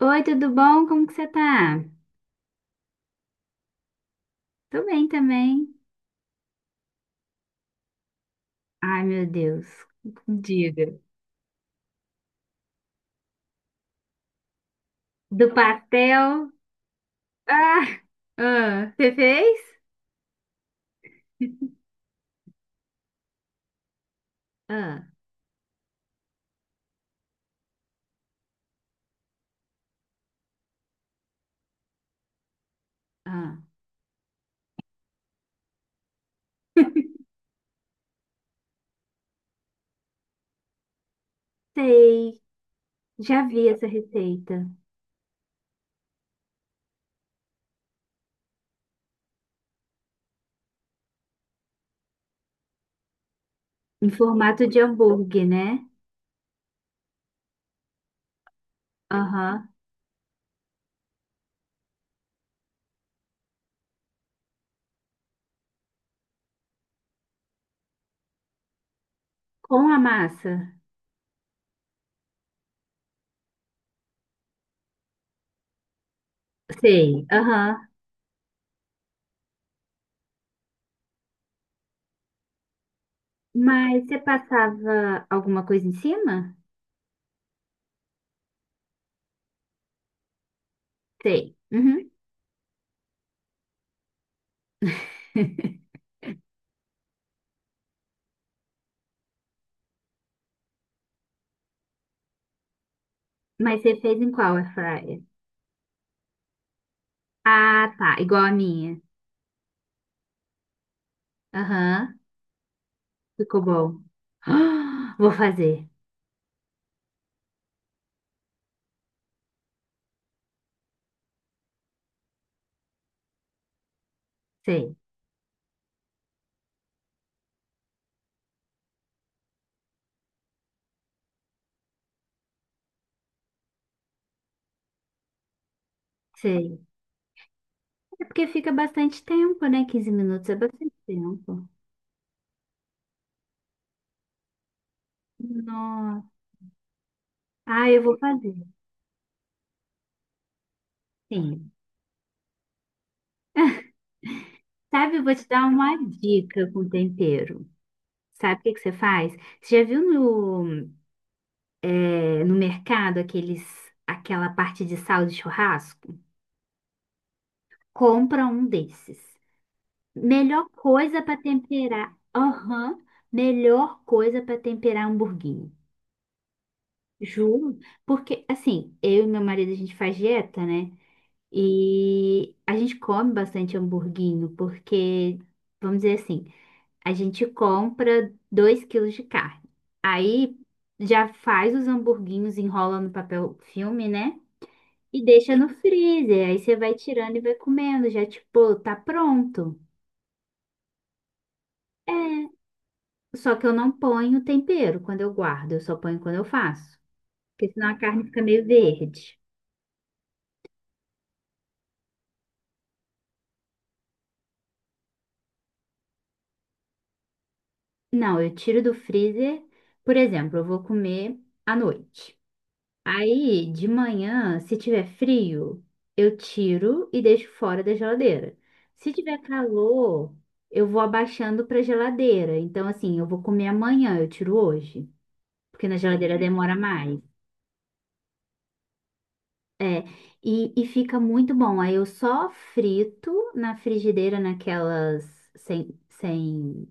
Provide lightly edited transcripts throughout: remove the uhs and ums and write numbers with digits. Oi, tudo bom? Como que você tá? Tô bem também. Ai, meu Deus. Diga. Do pastel. Ah, ah, você fez? Ah, ah. Sei. Já vi essa receita. Em formato de hambúrguer, né? Aham. Com a massa. Sei. Aham. Mas você passava alguma coisa em cima? Sei. Uhum. Mas você fez em qual airfryer? Ah, tá. Igual a minha. Aham. Ficou bom. Ah, vou fazer. Sei, sei. É porque fica bastante tempo, né? 15 minutos é bastante tempo. Nossa. Ah, eu vou fazer. Sim. Sabe, eu vou te dar uma dica com tempero. Sabe o que que você faz? Você já viu no, é, no mercado aqueles, aquela parte de sal de churrasco? Compra um desses. Melhor coisa para temperar. Aham. Melhor coisa para temperar hamburguinho. Juro, porque assim, eu e meu marido a gente faz dieta, né? E a gente come bastante hamburguinho, porque, vamos dizer assim, a gente compra 2 quilos de carne. Aí já faz os hamburguinhos, enrola no papel filme, né? E deixa no freezer. Aí você vai tirando e vai comendo, já tipo, tá pronto. É, só que eu não ponho tempero quando eu guardo, eu só ponho quando eu faço. Porque senão a carne fica meio verde. Não, eu tiro do freezer. Por exemplo, eu vou comer à noite. Aí, de manhã, se tiver frio, eu tiro e deixo fora da geladeira. Se tiver calor, eu vou abaixando para geladeira. Então, assim, eu vou comer amanhã, eu tiro hoje, porque na geladeira demora mais. É, e fica muito bom. Aí eu só frito na frigideira, naquelas sem,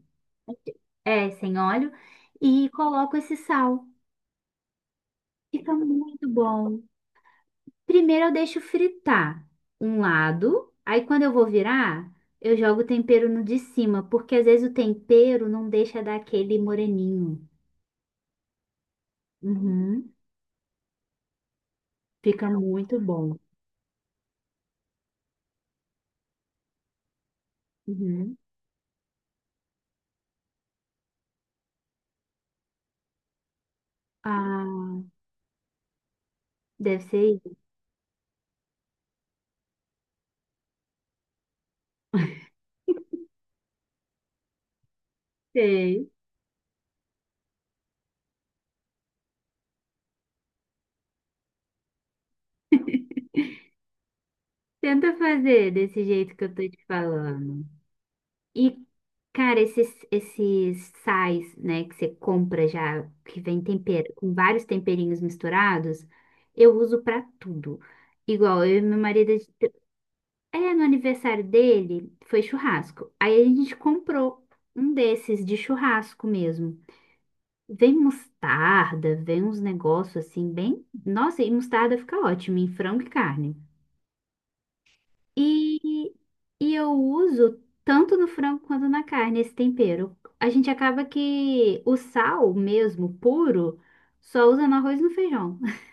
é, sem óleo, e coloco esse sal. Fica muito bom. Primeiro eu deixo fritar um lado, aí quando eu vou virar, eu jogo o tempero no de cima, porque às vezes o tempero não deixa dar aquele moreninho. Uhum. Fica muito bom. Uhum. Ah, deve ser isso. Sei. Tenta fazer desse jeito que eu tô te falando. E, cara, esses sais, né, que você compra já, que vem tempero, com vários temperinhos misturados, eu uso pra tudo. Igual, eu e meu marido, a gente- é, no aniversário dele, foi churrasco. Aí a gente comprou um desses de churrasco mesmo. Vem mostarda, vem uns negócios assim, bem. Nossa, e mostarda fica ótimo em frango e carne. E, eu uso tanto no frango quanto na carne esse tempero. A gente acaba que o sal mesmo, puro, só usa no arroz e no feijão.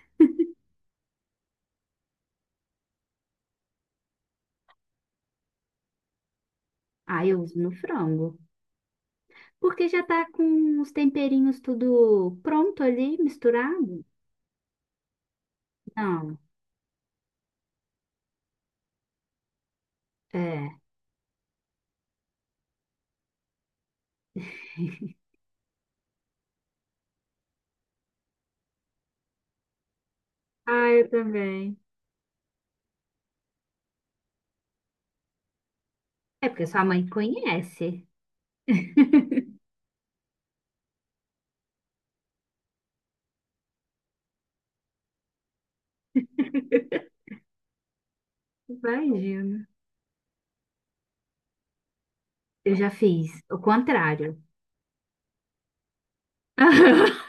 Ah, eu uso no frango. Porque já tá com os temperinhos tudo pronto ali, misturado? Não, é. Ah, eu também. É porque sua mãe conhece. Imagino. Eu já fiz o contrário.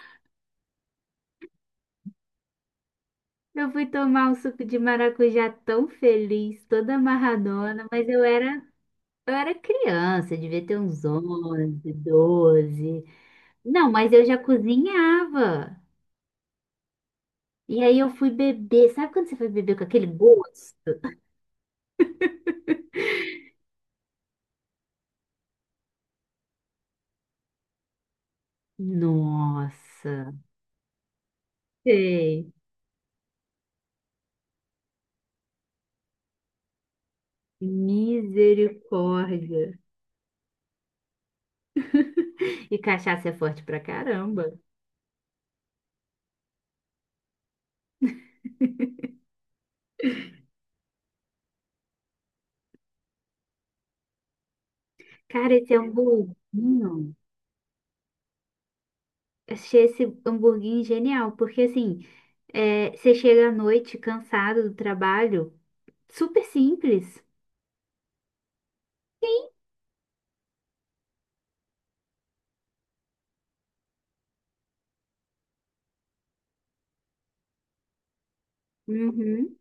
Eu fui tomar um suco de maracujá tão feliz, toda amarradona, mas eu era, criança, devia ter uns 11, 12. Não, mas eu já cozinhava. E aí eu fui beber. Sabe quando você foi beber com aquele gosto? Nossa, sei. Misericórdia. E cachaça é forte pra caramba. Cara, esse hamburguinho, achei esse hamburguinho genial, porque assim, é, você chega à noite cansado do trabalho, super simples. Uhum.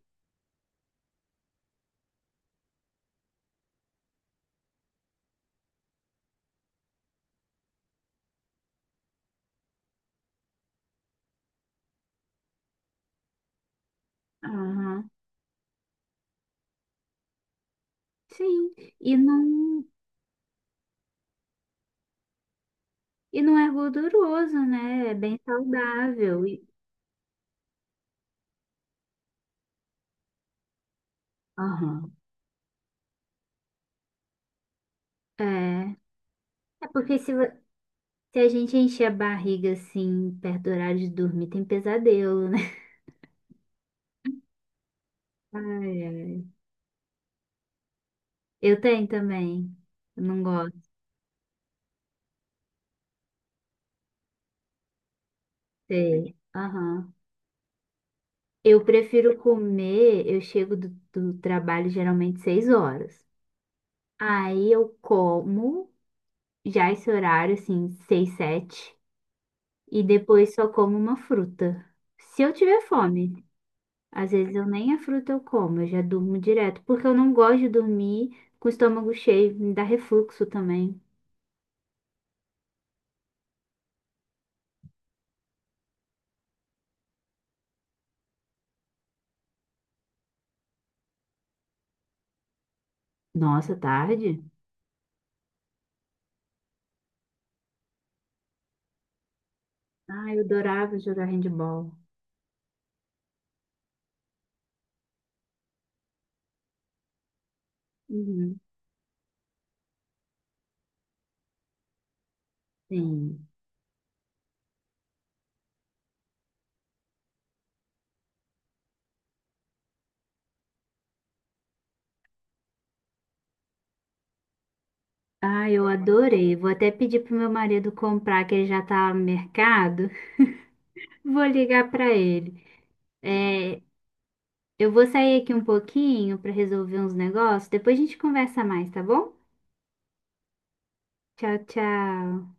Aham, sim, e não, e não é gorduroso, né? É bem saudável. E- aham. É, é porque se a gente encher a barriga assim, perto do horário de dormir, tem pesadelo, né? Ai, ai. Eu tenho também. Eu não gosto. Sei. Aham. Eu prefiro comer, eu chego do trabalho geralmente 6 horas. Aí eu como já esse horário, assim, seis, sete, e depois só como uma fruta. Se eu tiver fome, às vezes eu nem a fruta eu como, eu já durmo direto, porque eu não gosto de dormir com o estômago cheio, me dá refluxo também. Nossa, tarde? Ah, eu adorava jogar handball. Uhum, sim. Ah, eu adorei. Vou até pedir pro meu marido comprar, que ele já tá no mercado. Vou ligar pra ele. É, eu vou sair aqui um pouquinho para resolver uns negócios, depois a gente conversa mais, tá bom? Tchau, tchau.